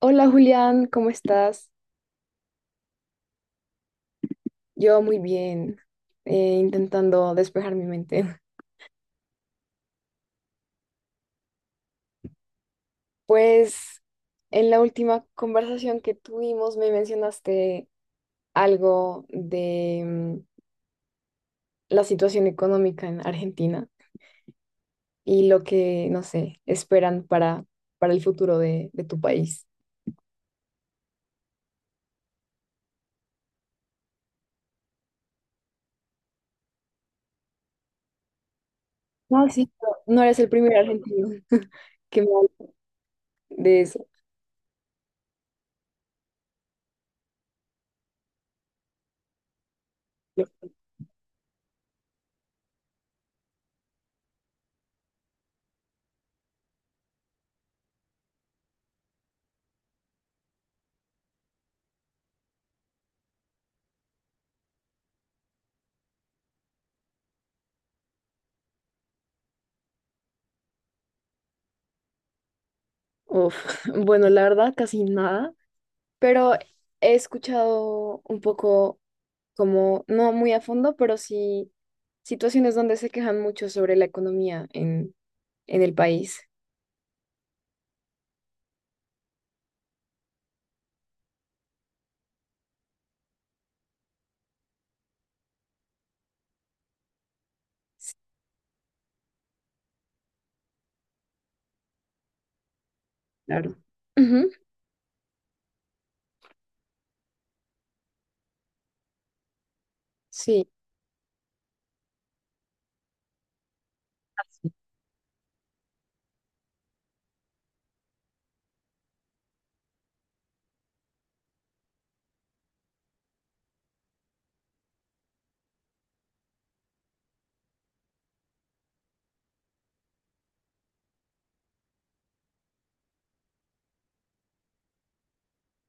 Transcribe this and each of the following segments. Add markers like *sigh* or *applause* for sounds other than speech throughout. Hola Julián, ¿cómo estás? Yo muy bien, intentando despejar mi mente. *laughs* Pues en la última conversación que tuvimos me mencionaste algo de la situación económica en Argentina y lo que, no sé, esperan para el futuro de tu país. No, sí. No eres el primer argentino *laughs* que me habla de eso. Uf, *laughs* bueno, la verdad, casi nada, pero he escuchado un poco como, no muy a fondo, pero sí situaciones donde se quejan mucho sobre la economía en el país. Sí, claro. Ujú, sí,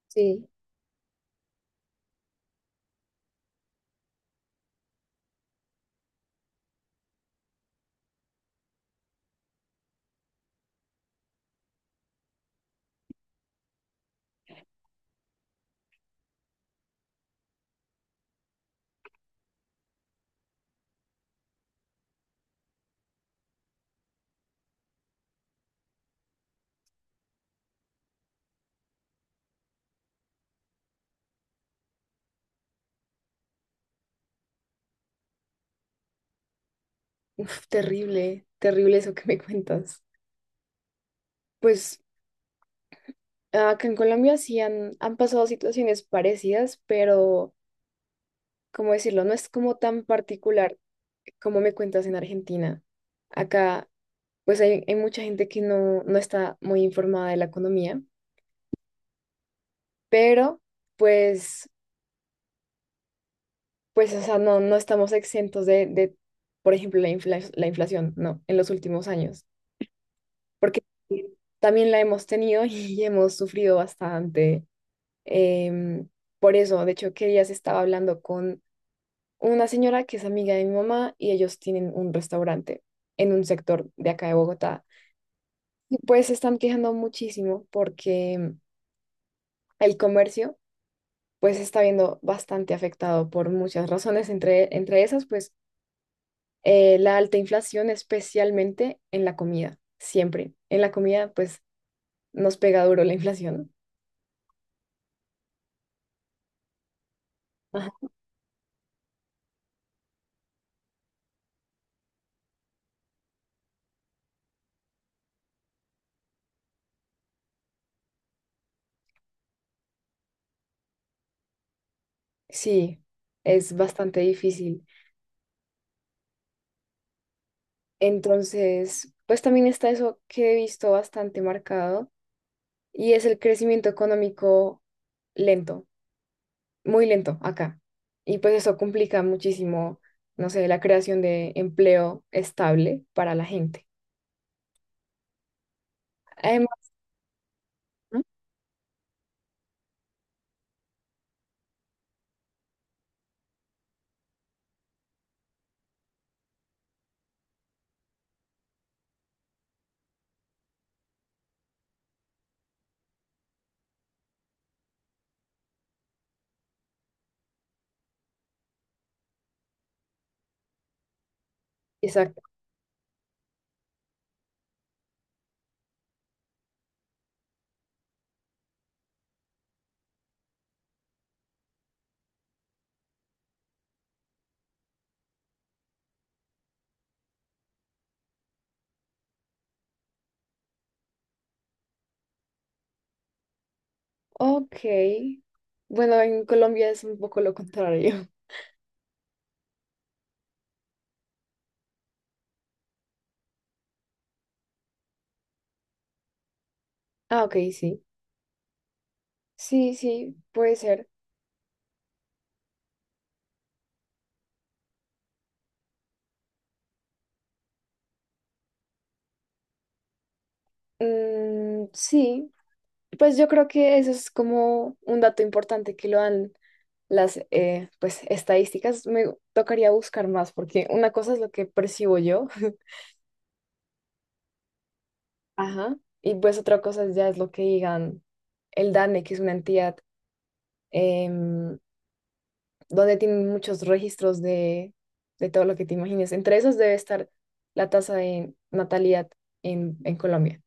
sí. Uf, terrible, terrible eso que me cuentas. Pues acá en Colombia sí han pasado situaciones parecidas, pero, ¿cómo decirlo? No es como tan particular como me cuentas en Argentina. Acá, pues hay mucha gente que no está muy informada de la economía, pero pues pues, o sea, no estamos exentos por ejemplo, la inflación, no, en los últimos años, porque también la hemos tenido y *laughs* hemos sufrido bastante. em, por eso, de hecho, que días estaba hablando con una señora que es amiga de mi mamá y ellos tienen un restaurante en un sector de acá de Bogotá. Y pues se están quejando muchísimo porque el comercio pues se está viendo bastante afectado por muchas razones, entre esas, pues la alta inflación, especialmente en la comida, siempre. En la comida, pues nos pega duro la inflación. Ajá. Sí, es bastante difícil. Entonces, pues también está eso que he visto bastante marcado y es el crecimiento económico lento, muy lento acá. Y pues eso complica muchísimo, no sé, la creación de empleo estable para la gente. Además, exacto. Ok. Bueno, en Colombia es un poco lo contrario. Ah, ok, sí. Sí, sí, puede ser. Mm, sí, pues yo creo que eso es como un dato importante que lo dan las pues, estadísticas. Me tocaría buscar más porque una cosa es lo que percibo yo, *laughs* ajá, y pues otra cosa ya es lo que digan el DANE, que es una entidad em, donde tienen muchos registros de todo lo que te imagines. Entre esos debe estar la tasa de natalidad en Colombia.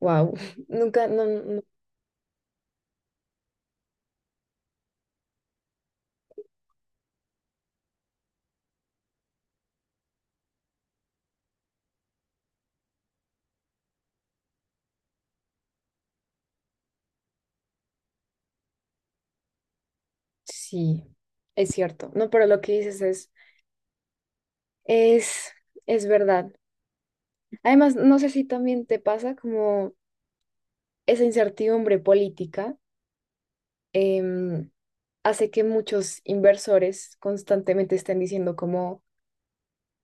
Wow, *laughs* nunca, no, sí, es cierto. No, pero lo que dices es, es verdad. Además, no sé si también te pasa como esa incertidumbre política em, hace que muchos inversores constantemente estén diciendo como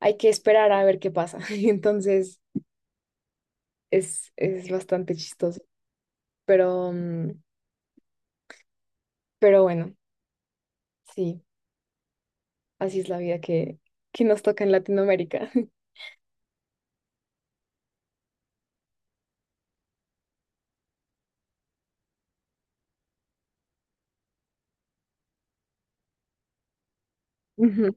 hay que esperar a ver qué pasa. *laughs* Y entonces es bastante chistoso. Pero, mm, pero bueno, sí, así es la vida que nos toca en Latinoamérica. *laughs* Ujú.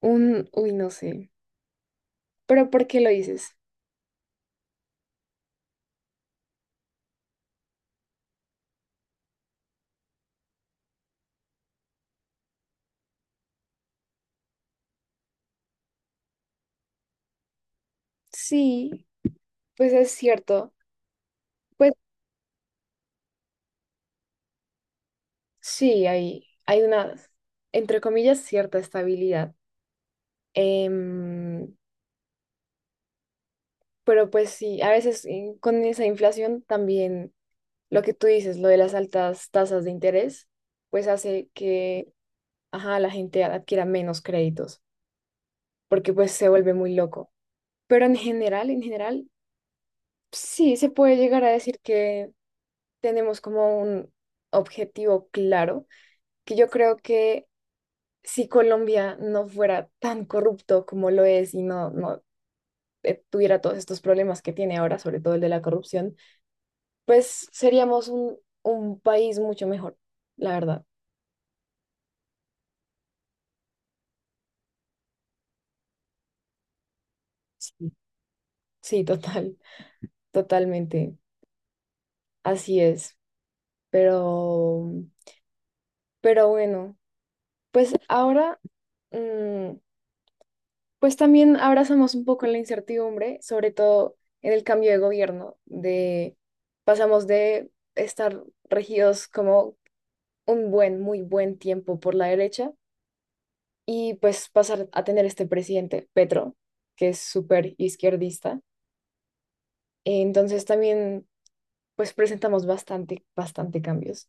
Un, uy, no sé. Pero ¿por qué lo dices? Sí. Pues es cierto, pues sí, hay una, entre comillas, cierta estabilidad. Em, pero pues sí, a veces con esa inflación también lo que tú dices, lo de las altas tasas de interés, pues hace que, ajá, la gente adquiera menos créditos, porque pues se vuelve muy loco. Pero en general, sí, se puede llegar a decir que tenemos como un objetivo claro, que yo creo que si Colombia no fuera tan corrupto como lo es y no tuviera todos estos problemas que tiene ahora, sobre todo el de la corrupción, pues seríamos un país mucho mejor, la verdad. Sí, sí, total, totalmente. Así es. Pero, pero bueno, pues ahora, mm, pues también abrazamos un poco la incertidumbre, sobre todo en el cambio de gobierno, de pasamos de estar regidos como un buen, muy buen tiempo por la derecha y pues pasar a tener este presidente, Petro, que es súper izquierdista. Entonces también pues presentamos bastante, bastante cambios.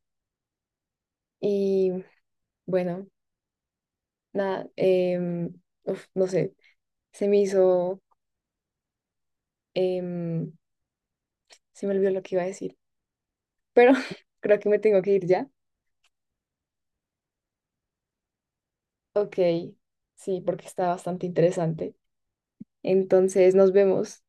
Y bueno, nada, uf, no sé, se me hizo, em, se me olvidó lo que iba a decir, pero *laughs* creo que me tengo que ir ya. Ok, sí, porque está bastante interesante. Entonces nos vemos.